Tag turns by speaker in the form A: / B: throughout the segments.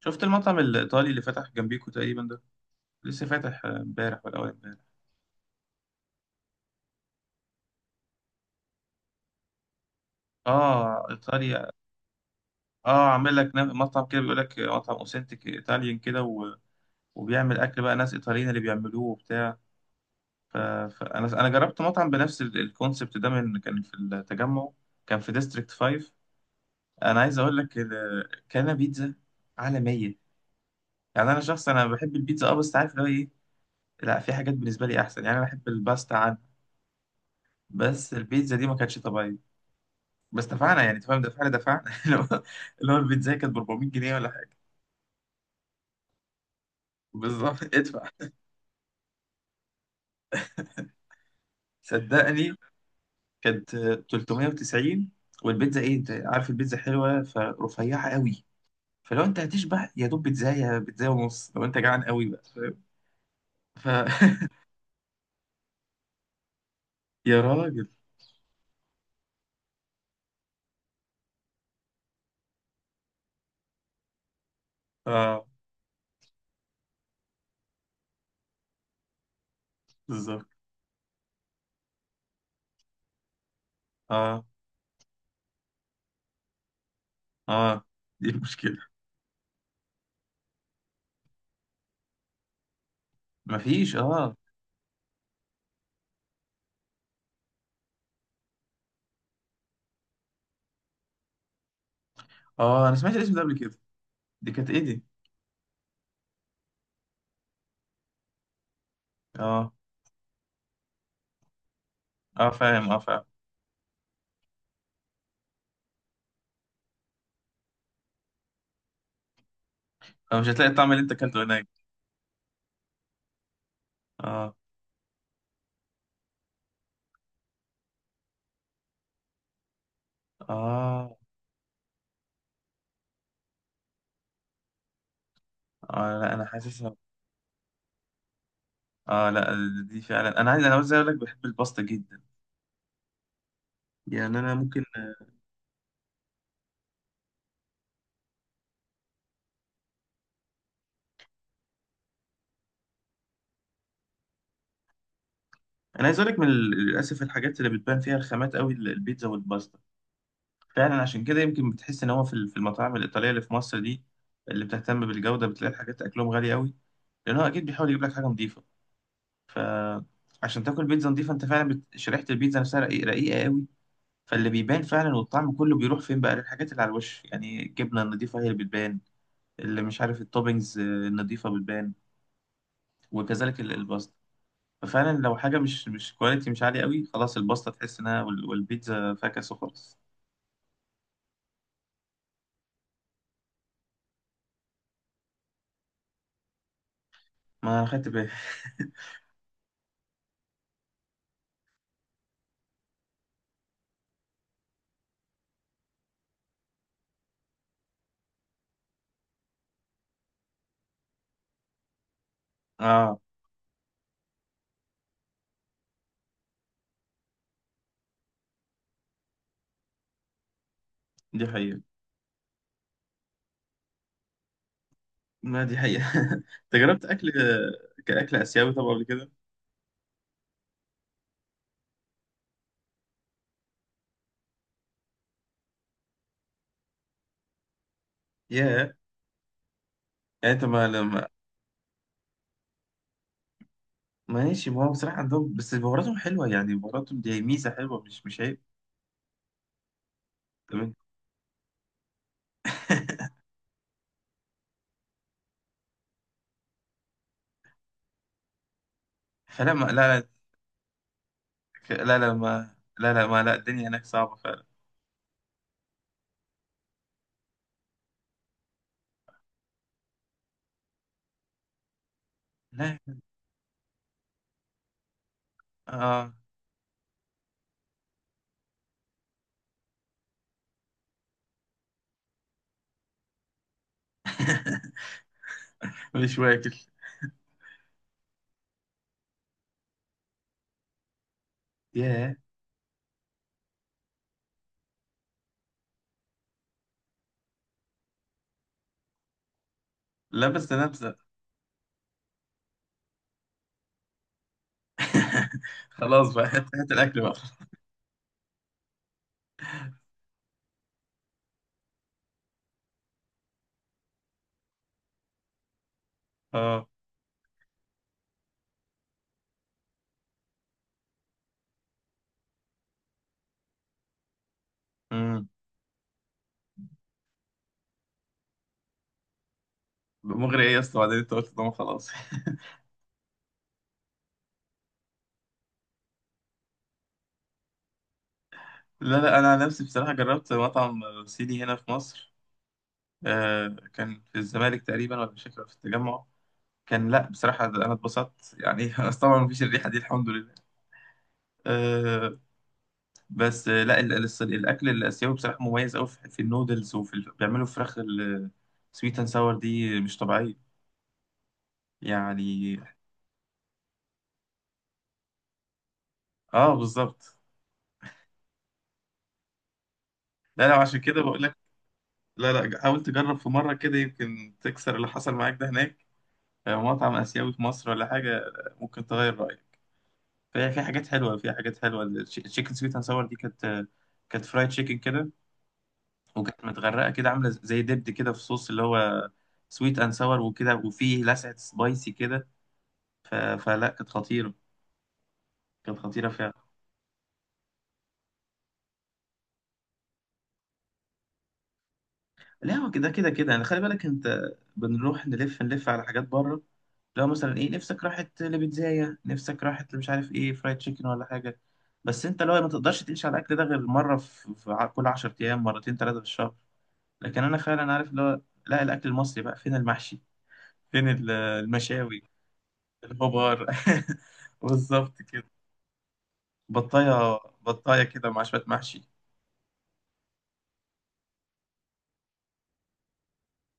A: شفت المطعم الإيطالي اللي فتح جنبيكو تقريبا ده، لسه فاتح. امبارح ولا أول امبارح. اه، إيطاليا. اه، عامل لك مطعم كده، بيقول لك مطعم أوثنتيك إيطاليان كده، وبيعمل أكل بقى، ناس إيطاليين اللي بيعملوه وبتاع. فأنا جربت مطعم بنفس الكونسبت ده من كان في التجمع، كان في ديستريكت 5. أنا عايز أقول لك، كان بيتزا عالمية. يعني أنا شخص أنا بحب البيتزا، اه، بس عارف اللي هو إيه، لا، في حاجات بالنسبة لي أحسن. يعني أنا بحب الباستا عنها. بس البيتزا دي ما كانتش طبيعية. بس دفعنا، يعني تفهم، دفعنا اللي هو، البيتزا كانت ب 400 جنيه ولا حاجه. بالظبط ادفع. صدقني، كانت 390. والبيتزا ايه؟ انت عارف البيتزا حلوه، فرفيعه قوي. فلو انت هتشبع يا دوب بيتزا، يا بيتزا ونص لو انت جعان قوي، بقى فاهم؟ ف يا راجل. اه، بالظبط. اه، اه، دي المشكله. مفيش. اه، اه، انا سمعت الاسم ده قبل كده. دي كانت ايه دي؟ اه، اه فاهم، اه فاهم. آه، مش هتلاقي الطعم اللي انت اكلته هناك. اه، اه، اه لا، انا حاسسها. اه، لا، دي فعلا، انا عايز، انا عايز اقول لك، بحب الباستا جدا. يعني انا ممكن. انا عايز اقول لك، من للاسف الحاجات اللي بتبان فيها الخامات قوي، البيتزا والباستا. فعلا عشان كده يمكن بتحس ان هو في في المطاعم الايطاليه اللي في مصر دي، اللي بتهتم بالجوده، بتلاقي الحاجات اكلهم غالي قوي، لان هو اكيد بيحاول يجيب لك حاجه نظيفه. ف عشان تاكل بيتزا نظيفه، انت فعلا شريحه البيتزا نفسها رقيقه قوي. فاللي بيبان فعلا والطعم كله بيروح فين بقى للحاجات اللي على الوش، يعني الجبنه النظيفه هي اللي بتبان، اللي مش عارف، التوبينجز، النظيفه بتبان. وكذلك الباستا. ففعلا لو حاجه مش كواليتي، مش عاليه قوي، خلاص الباستا تحس انها، والبيتزا فاكس وخلاص. ما انا خدت بالي. اه، دي حقيقه. ما دي حقيقه انت جربت اكل، كاكل اسيوي طبعا، قبل كده؟ ياه. يعني انت ما لما. ماشي، ما هو بصراحه عندهم بس بهاراتهم حلوه، يعني بهاراتهم دي ميزه حلوه، مش عيب. تمام فلا ما لا. لا لا لا، ما لا لا، ما لا، الدنيا هناك صعبة فعلا. لا. اه مش واكل. ياه. لا بس انا بس. خلاص بقى، هات هات الاكل بقى. اه. امم. مغري ايه يا اسطى؟ بعدين انت قلت طبعا خلاص لا لا، انا عن نفسي بصراحه جربت مطعم صيني هنا في مصر. آه. كان في الزمالك تقريبا ولا، مش فاكر، في التجمع كان. لا، بصراحه انا اتبسطت يعني بس طبعا مفيش الريحه دي، الحمد لله. آه، بس. آه، لا ال- الص- الاكل الاسيوي بصراحه مميز قوي، في النودلز وفي بيعملوا فراخ السويت اند ساور دي مش طبيعيه. يعني. اه، بالظبط. لا لا، عشان كده بقول لك. لا لا، حاول تجرب في مرة كده، يمكن تكسر اللي حصل معاك ده هناك. مطعم آسيوي في مصر ولا حاجة، ممكن تغير رأيك. فهي في حاجات حلوة، في حاجات حلوة. التشيكن سويت اند ساور دي كانت، كانت فرايد تشيكن كده، وكانت متغرقة كده، عاملة زي دبد كده في صوص، اللي هو سويت اند ساور، وكده، وفيه لسعة سبايسي كده. فلا كانت خطيرة، كانت خطيرة فعلا. لا، هو كده كده كده. يعني خلي بالك، انت بنروح نلف نلف على حاجات بره. لو مثلا ايه، نفسك راحت لبيتزاية، نفسك راحت، مش عارف ايه، فرايد تشيكن ولا حاجة. بس انت لو ما تقدرش تعيش على الاكل ده غير مرة كل 10 ايام، مرتين ثلاثة في الشهر. لكن انا فعلا عارف اللي هو، لا الاكل المصري. بقى فين المحشي؟ فين المشاوي؟ الخضار بالظبط كده. بطاية بطاية كده مع شوية محشي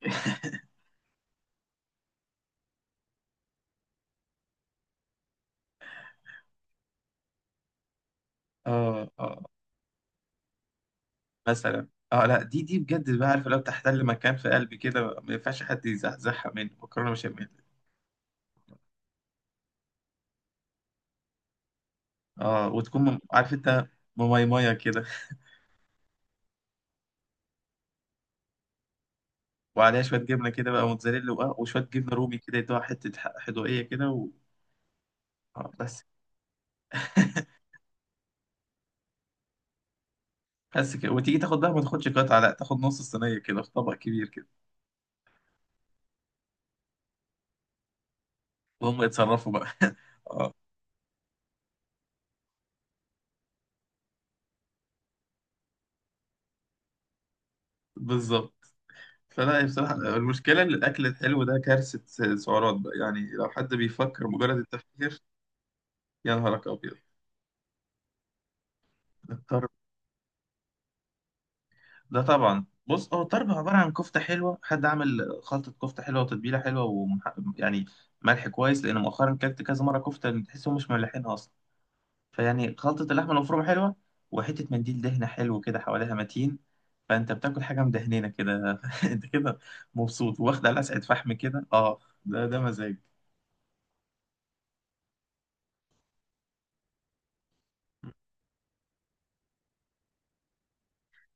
A: اه، اه، مثلا. اه، لا، دي بجد بقى، عارف، لو تحتل مكان في قلبي كده، ما ينفعش حد يزحزحها مني، مكرونه بشاميل. اه، وتكون عارف انت، مميمية كده، وعليها شويه جبنه كده بقى، موتزاريلا، وآه، وشويه جبنه رومي كده، يدوها حته، حدوقيه كده، آه، بس بس كده، وتيجي تاخد بقى، ما تاخدش قطعه، لا تاخد نص الصينيه كده في طبق كبير كده. وهم يتصرفوا بقى اه، بالظبط. فلا بصراحه، المشكله ان الاكل الحلو ده كارثه. سعرات بقى. يعني لو حد بيفكر مجرد التفكير، يا نهارك ابيض. ده طبعا، بص، هو الطرب عبارة عن كفتة حلوة، حد عامل خلطة كفتة حلوة، وتتبيلة حلوة، ومح... يعني ملح كويس، لأن مؤخرا كلت كذا مرة كفتة تحسهم مش مملحينها أصلا. فيعني خلطة اللحمة المفرومة حلوة، وحتة منديل دهنة حلو كده حواليها متين، فأنت بتاكل حاجة مدهنينة كده أنت كده مبسوط، واخد على لسعة فحم كده، أه، ده ده مزاج.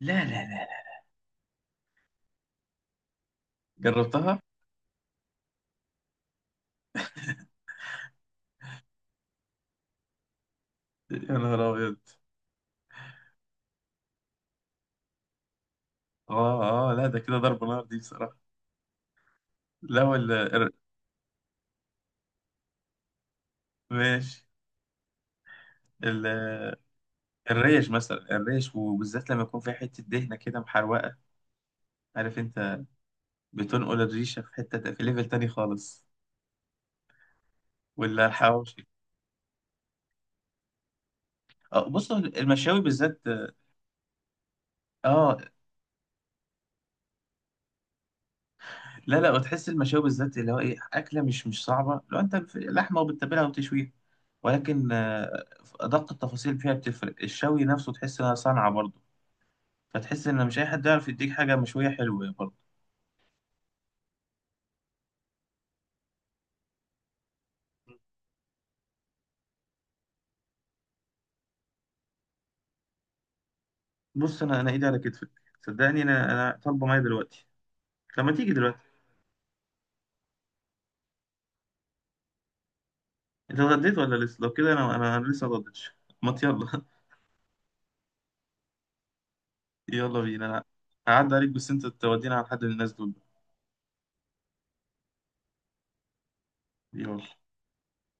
A: لا لا لا لا. جربتها؟ يا نهار أبيض. أه أه، لا ده كده ضرب نار دي بصراحة. لا ولا. ماشي. الريش مثلا، الريش وبالذات لما يكون في حتة دهنة كده محروقة، عارف انت، بتنقل الريشة في حتة في ليفل تاني خالص. ولا الحواوشي. اه، بص هو المشاوي بالذات. اه، لا لا، وتحس المشاوي بالذات، اللي هو ايه، أكلة مش صعبة، لو انت في لحمة وبتتبلها وتشويها، ولكن، أدق التفاصيل فيها بتفرق، الشوي نفسه تحس انها صنعة برضه. فتحس ان مش اي حد يعرف يديك حاجة مشوية حلوة برضه. بص، انا ايدي على كتفك. صدقني، انا طالبة معايا دلوقتي. لما تيجي دلوقتي، انت اتغديت ولا لسه؟ لو كده، انا لسه ما اتغديتش. ما يلا يلا بينا. انا هعدي عليك، بس انت تودينا على حد من الناس دول. يلا.